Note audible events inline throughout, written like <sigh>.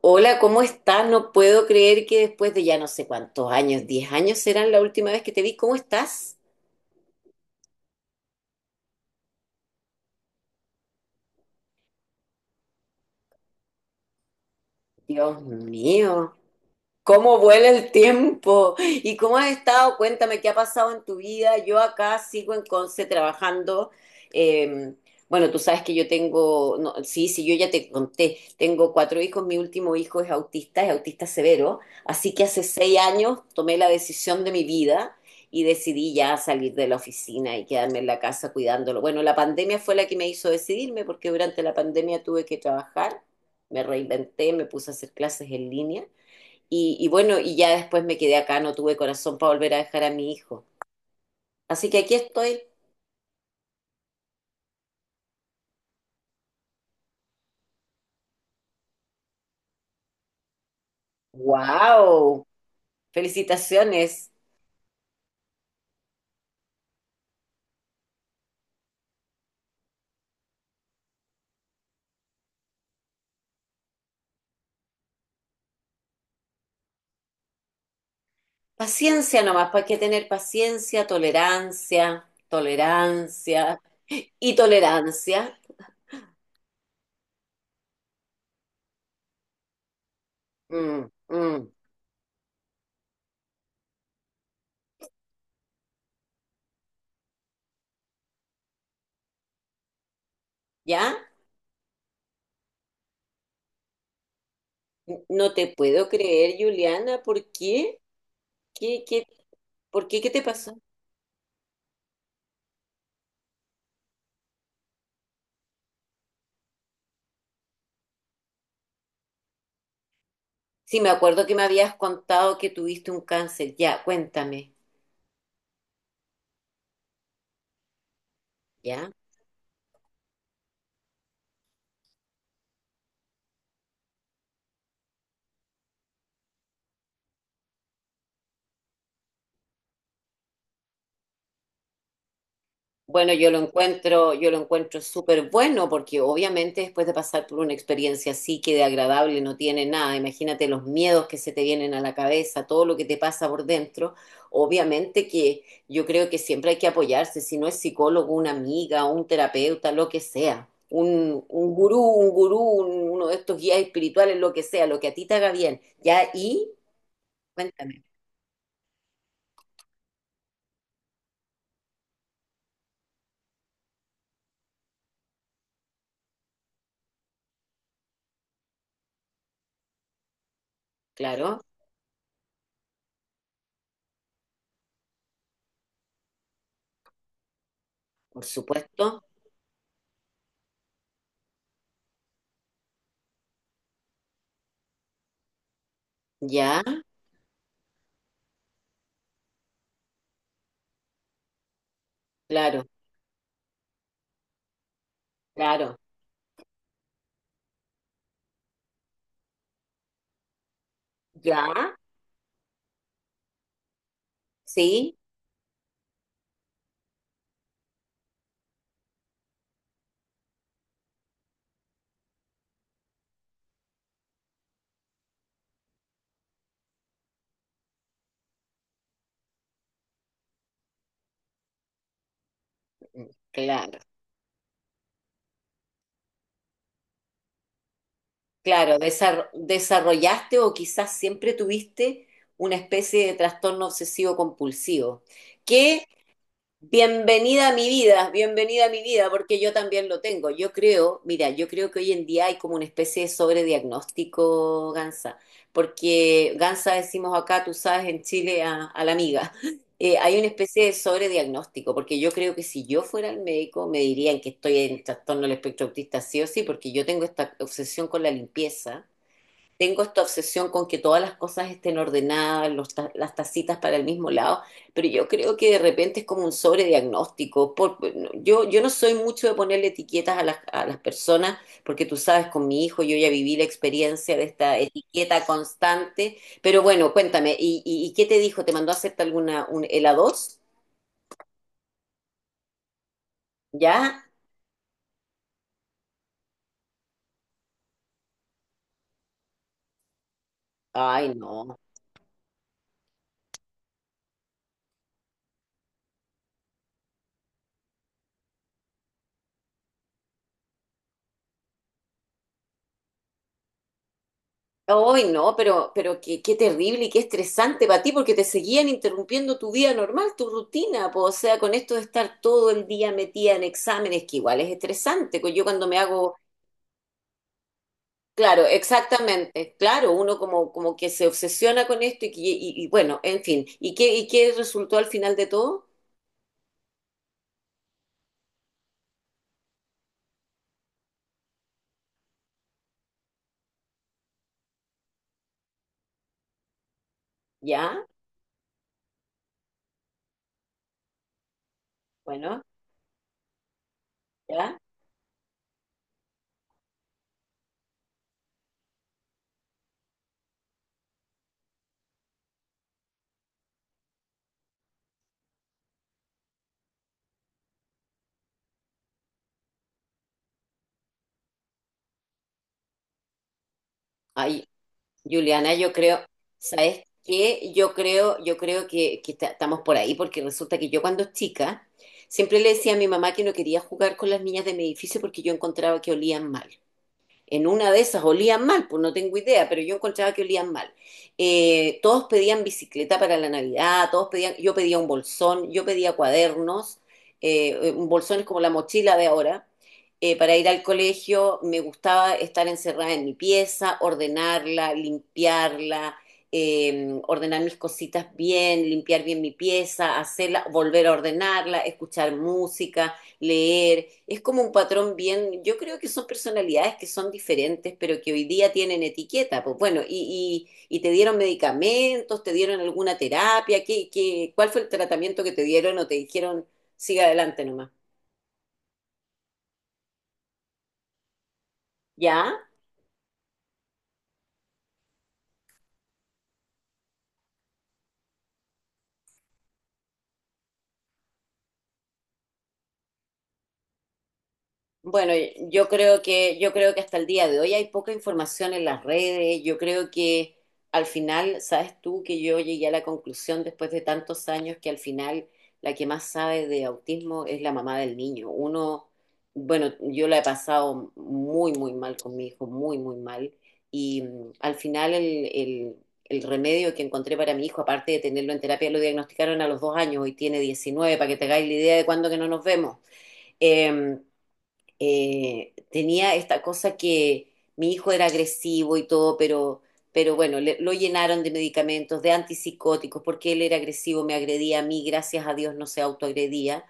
Hola, ¿cómo estás? No puedo creer que después de ya no sé cuántos años, 10 años serán la última vez que te vi. ¿Cómo estás? Dios mío. ¿Cómo vuela el tiempo? ¿Y cómo has estado? Cuéntame qué ha pasado en tu vida. Yo acá sigo en Conce trabajando. Eh, bueno, tú sabes que yo tengo, no, sí, sí, yo ya te conté, tengo cuatro hijos, mi último hijo es autista severo, así que hace 6 años tomé la decisión de mi vida y decidí ya salir de la oficina y quedarme en la casa cuidándolo. Bueno, la pandemia fue la que me hizo decidirme porque durante la pandemia tuve que trabajar, me reinventé, me puse a hacer clases en línea. Y bueno, y ya después me quedé acá, no tuve corazón para volver a dejar a mi hijo. Así que aquí estoy. ¡Wow! Felicitaciones. Paciencia nomás, para que tener paciencia, tolerancia, tolerancia y tolerancia. Mm, mm. ¿Ya? No te puedo creer, Juliana, ¿por qué? ¿Qué, qué, por qué? ¿Qué te pasó? Sí, me acuerdo que me habías contado que tuviste un cáncer. Ya, cuéntame. ¿Ya? Bueno, yo lo encuentro súper bueno porque obviamente después de pasar por una experiencia así que de agradable no tiene nada, imagínate los miedos que se te vienen a la cabeza, todo lo que te pasa por dentro, obviamente que yo creo que siempre hay que apoyarse, si no es psicólogo, una amiga, un terapeuta, lo que sea, un gurú, uno de estos guías espirituales, lo que sea, lo que a ti te haga bien. Ya, y cuéntame, claro, por supuesto, ya, claro, claro, ya, sí. Claro, claro, desarrollaste o quizás siempre tuviste una especie de trastorno obsesivo compulsivo, que. Bienvenida a mi vida, bienvenida a mi vida, porque yo también lo tengo. Yo creo, mira, yo creo que hoy en día hay como una especie de sobrediagnóstico, Gansa, porque Gansa decimos acá, tú sabes, en Chile a la amiga. <laughs> Hay una especie de sobrediagnóstico, porque yo creo que si yo fuera el médico me dirían que estoy en trastorno del espectro autista sí o sí, porque yo tengo esta obsesión con la limpieza, tengo esta obsesión con que todas las cosas estén ordenadas, las tacitas para el mismo lado, pero yo creo que de repente es como un sobrediagnóstico. No, yo no soy mucho de ponerle etiquetas a las personas, porque tú sabes, con mi hijo yo ya viví la experiencia de esta etiqueta constante. Pero bueno, cuéntame, ¿Y qué te dijo? ¿Te mandó a hacerte el a dos? ¿Ya? Ay, no. Hoy no, pero qué, terrible y qué estresante para ti, porque te seguían interrumpiendo tu vida normal, tu rutina, po. O sea, con esto de estar todo el día metida en exámenes, que igual es estresante, pues yo cuando me hago, claro, exactamente, claro, uno como que se obsesiona con esto y bueno, en fin, ¿y qué resultó al final de todo? Ya, bueno, ya, ahí. Juliana, yo creo, ¿sabes qué? Yo creo que estamos por ahí porque resulta que yo cuando chica siempre le decía a mi mamá que no quería jugar con las niñas de mi edificio porque yo encontraba que olían mal, en una de esas olían mal, pues no tengo idea, pero yo encontraba que olían mal. Todos pedían bicicleta para la Navidad, todos pedían, yo pedía un bolsón, yo pedía cuadernos. Un bolsón es como la mochila de ahora, para ir al colegio. Me gustaba estar encerrada en mi pieza, ordenarla, limpiarla, ordenar mis cositas bien, limpiar bien mi pieza, hacerla, volver a ordenarla, escuchar música, leer. Es como un patrón, bien, yo creo que son personalidades que son diferentes, pero que hoy día tienen etiqueta. Pues bueno, y te dieron medicamentos, te dieron alguna terapia, ¿ cuál fue el tratamiento que te dieron, o te dijeron, siga adelante nomás? ¿Ya? Bueno, yo creo que hasta el día de hoy hay poca información en las redes. Yo creo que al final, sabes tú que yo llegué a la conclusión después de tantos años que al final la que más sabe de autismo es la mamá del niño. Uno, bueno, yo la he pasado muy, muy mal con mi hijo, muy, muy mal. Y al final el remedio que encontré para mi hijo, aparte de tenerlo en terapia, lo diagnosticaron a los 2 años, hoy tiene 19 para que te hagáis la idea de cuándo que no nos vemos. Em, tenía esta cosa que mi hijo era agresivo y todo, pero bueno, lo llenaron de medicamentos, de antipsicóticos, porque él era agresivo, me agredía a mí, gracias a Dios no se autoagredía.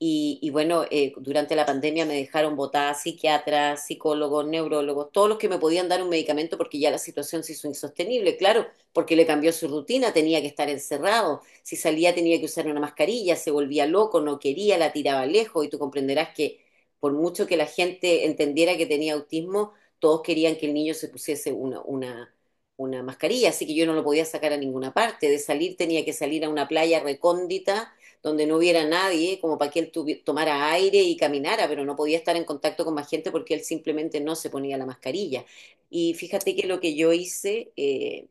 Y bueno, durante la pandemia me dejaron botada psiquiatras, psicólogos, neurólogos, todos los que me podían dar un medicamento porque ya la situación se hizo insostenible, claro, porque le cambió su rutina, tenía que estar encerrado, si salía tenía que usar una mascarilla, se volvía loco, no quería, la tiraba lejos, y tú comprenderás que por mucho que la gente entendiera que tenía autismo, todos querían que el niño se pusiese una mascarilla, así que yo no lo podía sacar a ninguna parte. De salir tenía que salir a una playa recóndita donde no hubiera nadie, como para que él tomara aire y caminara, pero no podía estar en contacto con más gente porque él simplemente no se ponía la mascarilla. Y fíjate que lo que yo hice,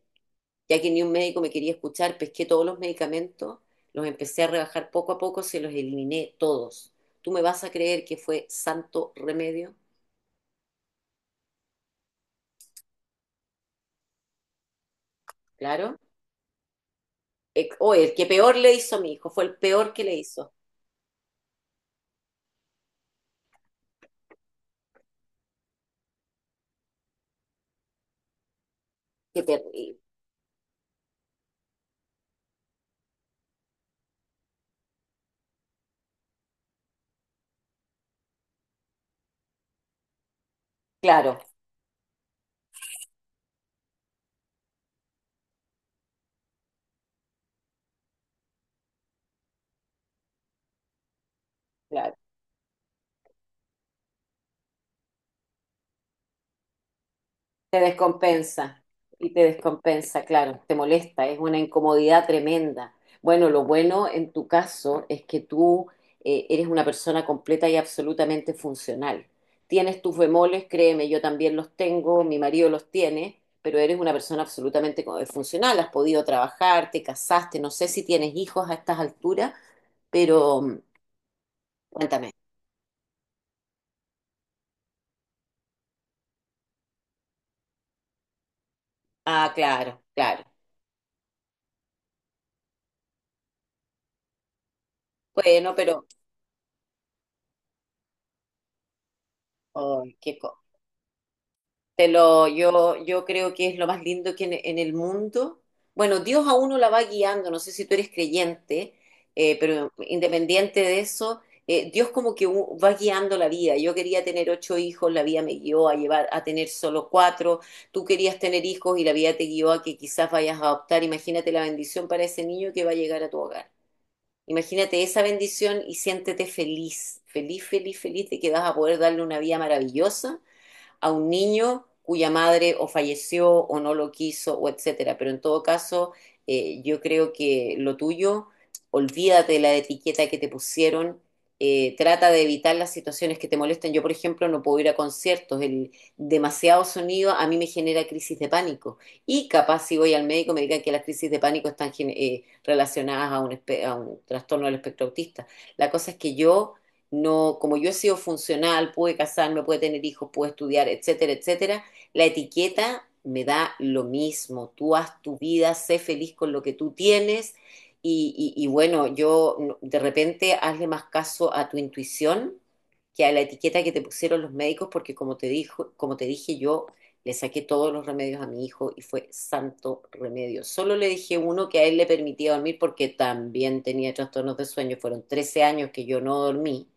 ya que ni un médico me quería escuchar, pesqué todos los medicamentos, los empecé a rebajar poco a poco, se los eliminé todos. ¿Tú me vas a creer que fue santo remedio? Claro. O el que peor le hizo a mi hijo, fue el peor que le hizo. Qué terrible. Claro, claro. Te descompensa y te descompensa, claro, te molesta, es una incomodidad tremenda. Bueno, lo bueno en tu caso es que tú eres una persona completa y absolutamente funcional. Tienes tus bemoles, créeme, yo también los tengo, mi marido los tiene, pero eres una persona absolutamente funcional, has podido trabajar, te casaste, no sé si tienes hijos a estas alturas, pero cuéntame. Ah, claro, claro. Bueno, pero, ay, qué co- Te lo, yo creo que es lo más lindo que en el mundo. Bueno, Dios a uno la va guiando, no sé si tú eres creyente, pero independiente de eso, Dios como que va guiando la vida. Yo quería tener ocho hijos, la vida me guió a llevar a tener solo cuatro. Tú querías tener hijos y la vida te guió a que quizás vayas a adoptar. Imagínate la bendición para ese niño que va a llegar a tu hogar. Imagínate esa bendición y siéntete feliz, feliz, feliz, feliz de que vas a poder darle una vida maravillosa a un niño cuya madre o falleció o no lo quiso o etcétera. Pero en todo caso, yo creo que lo tuyo, olvídate de la etiqueta que te pusieron, trata de evitar las situaciones que te molestan. Yo, por ejemplo, no puedo ir a conciertos, el demasiado sonido a mí me genera crisis de pánico. Y capaz si voy al médico me digan que las crisis de pánico están relacionadas a a un trastorno del espectro autista. La cosa es que yo no, como yo he sido funcional, pude casarme, pude tener hijos, pude estudiar, etcétera, etcétera, la etiqueta me da lo mismo. Tú haz tu vida, sé feliz con lo que tú tienes y bueno, yo no- de repente hazle más caso a tu intuición que a la etiqueta que te pusieron los médicos, porque como te dijo, como te dije yo, le saqué todos los remedios a mi hijo y fue santo remedio. Solo le dije uno que a él le permitía dormir porque también tenía trastornos de sueño. Fueron 13 años que yo no dormí.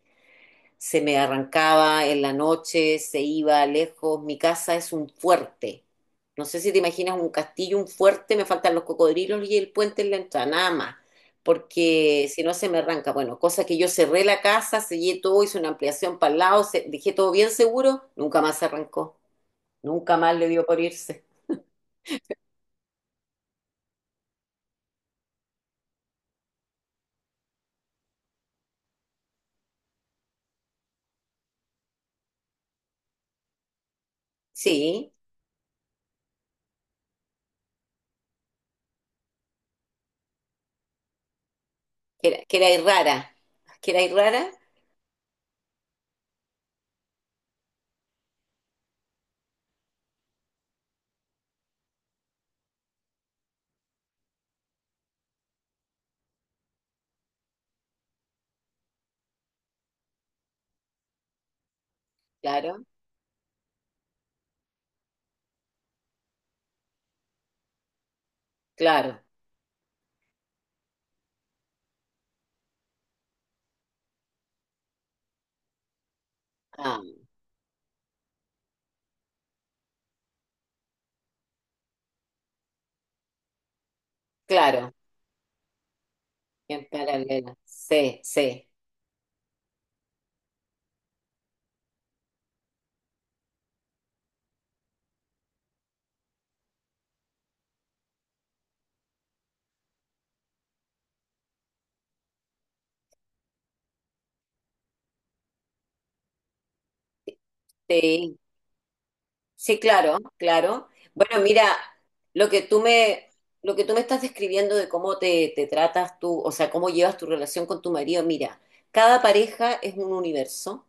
Se me arrancaba en la noche, se iba lejos. Mi casa es un fuerte. No sé si te imaginas un castillo, un fuerte, me faltan los cocodrilos y el puente en la entrada, nada más. Porque si no se me arranca. Bueno, cosa que yo cerré la casa, sellé todo, hice una ampliación para el lado, dejé todo bien seguro, nunca más se arrancó. Nunca más le dio por irse. Sí, que era rara. Que era rara, claro, claro. Ah, claro, en paralela. Sí, sí. Sí, sí, claro, claro. Bueno, mira, lo que tú me, lo que tú me estás describiendo de cómo te tratas tú, o sea, cómo llevas tu relación con tu marido, mira, cada pareja es un universo,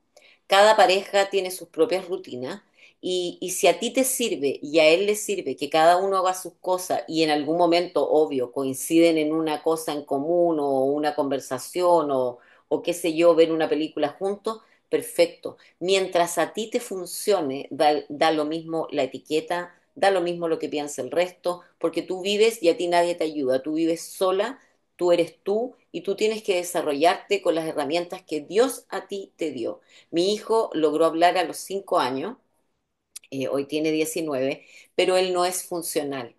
cada pareja tiene sus propias rutinas, y si a ti te sirve y a él le sirve que cada uno haga sus cosas y en algún momento, obvio, coinciden en una cosa en común o una conversación o qué sé yo, ver una película juntos, perfecto. Mientras a ti te funcione, da lo mismo la etiqueta, da lo mismo lo que piensa el resto, porque tú vives y a ti nadie te ayuda, tú vives sola, tú eres tú y tú tienes que desarrollarte con las herramientas que Dios a ti te dio. Mi hijo logró hablar a los 5 años, hoy tiene 19, pero él no es funcional,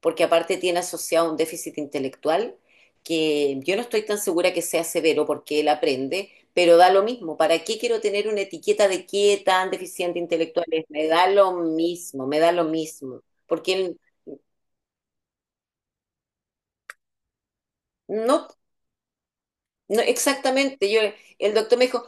porque aparte tiene asociado un déficit intelectual que yo no estoy tan segura que sea severo porque él aprende, pero da lo mismo. ¿Para qué quiero tener una etiqueta de qué tan deficiente intelectual es? Me da lo mismo, me da lo mismo, porque él no, no exactamente, yo, el doctor me dijo,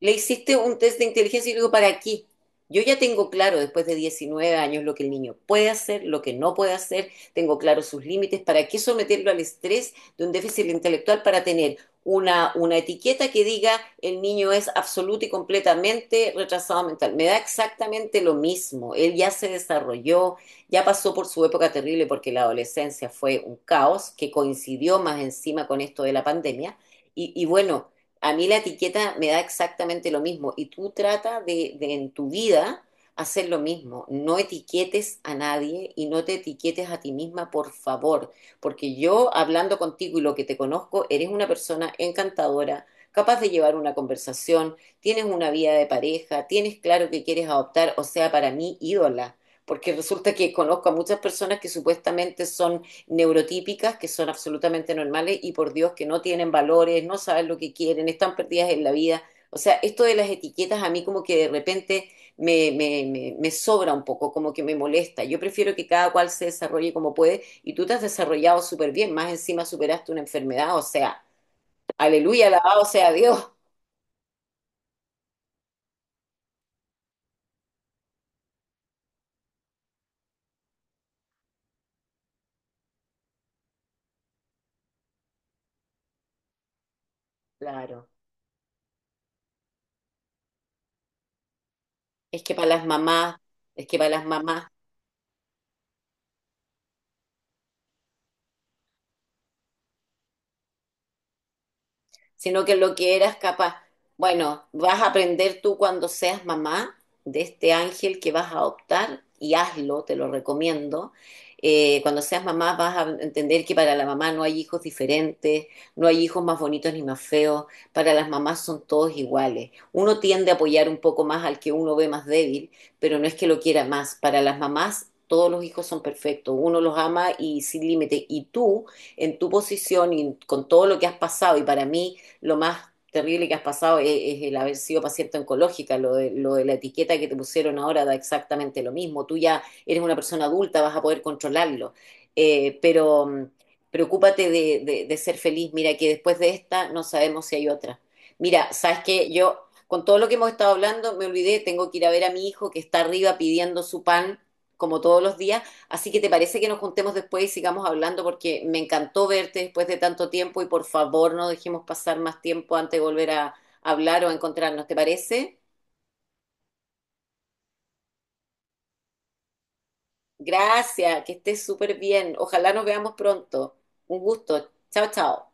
le hiciste un test de inteligencia y le digo, ¿para qué? Yo ya tengo claro después de 19 años lo que el niño puede hacer, lo que no puede hacer, tengo claro sus límites, ¿para qué someterlo al estrés de un déficit intelectual para tener una etiqueta que diga el niño es absoluto y completamente retrasado mental? Me da exactamente lo mismo, él ya se desarrolló, ya pasó por su época terrible porque la adolescencia fue un caos que coincidió más encima con esto de la pandemia. Y bueno, a mí la etiqueta me da exactamente lo mismo y tú trata de en tu vida hacer lo mismo. No etiquetes a nadie y no te etiquetes a ti misma, por favor, porque yo hablando contigo y lo que te conozco, eres una persona encantadora, capaz de llevar una conversación, tienes una vida de pareja, tienes claro que quieres adoptar, o sea, para mí ídola, porque resulta que conozco a muchas personas que supuestamente son neurotípicas que son absolutamente normales y por Dios que no tienen valores, no saben lo que quieren, están perdidas en la vida. O sea, esto de las etiquetas a mí como que de repente me sobra un poco, como que me molesta. Yo prefiero que cada cual se desarrolle como puede y tú te has desarrollado súper bien, más encima superaste una enfermedad, o sea, aleluya, alabado sea Dios. Claro, es que para las mamás, es que para las mamás sino que lo que eras capaz, bueno, vas a aprender tú cuando seas mamá de este ángel que vas a adoptar y hazlo, te lo recomiendo. Cuando seas mamá vas a entender que para la mamá no hay hijos diferentes, no hay hijos más bonitos ni más feos, para las mamás son todos iguales. Uno tiende a apoyar un poco más al que uno ve más débil, pero no es que lo quiera más. Para las mamás todos los hijos son perfectos, uno los ama y sin límite. Y tú, en tu posición y con todo lo que has pasado, y para mí lo más terrible que has pasado es el haber sido paciente oncológica, lo de la etiqueta que te pusieron ahora da exactamente lo mismo, tú ya eres una persona adulta, vas a poder controlarlo, eh, pero mm, preocúpate de ser feliz, mira que después de esta no sabemos si hay otra. Mira, sabes que yo con todo lo que hemos estado hablando, me olvidé, tengo que ir a ver a mi hijo que está arriba pidiendo su pan como todos los días. Así que te parece que nos juntemos después y sigamos hablando porque me encantó verte después de tanto tiempo y por favor no dejemos pasar más tiempo antes de volver a hablar o a encontrarnos. ¿Te parece? Gracias, que estés súper bien. Ojalá nos veamos pronto. Un gusto. Chao, chao.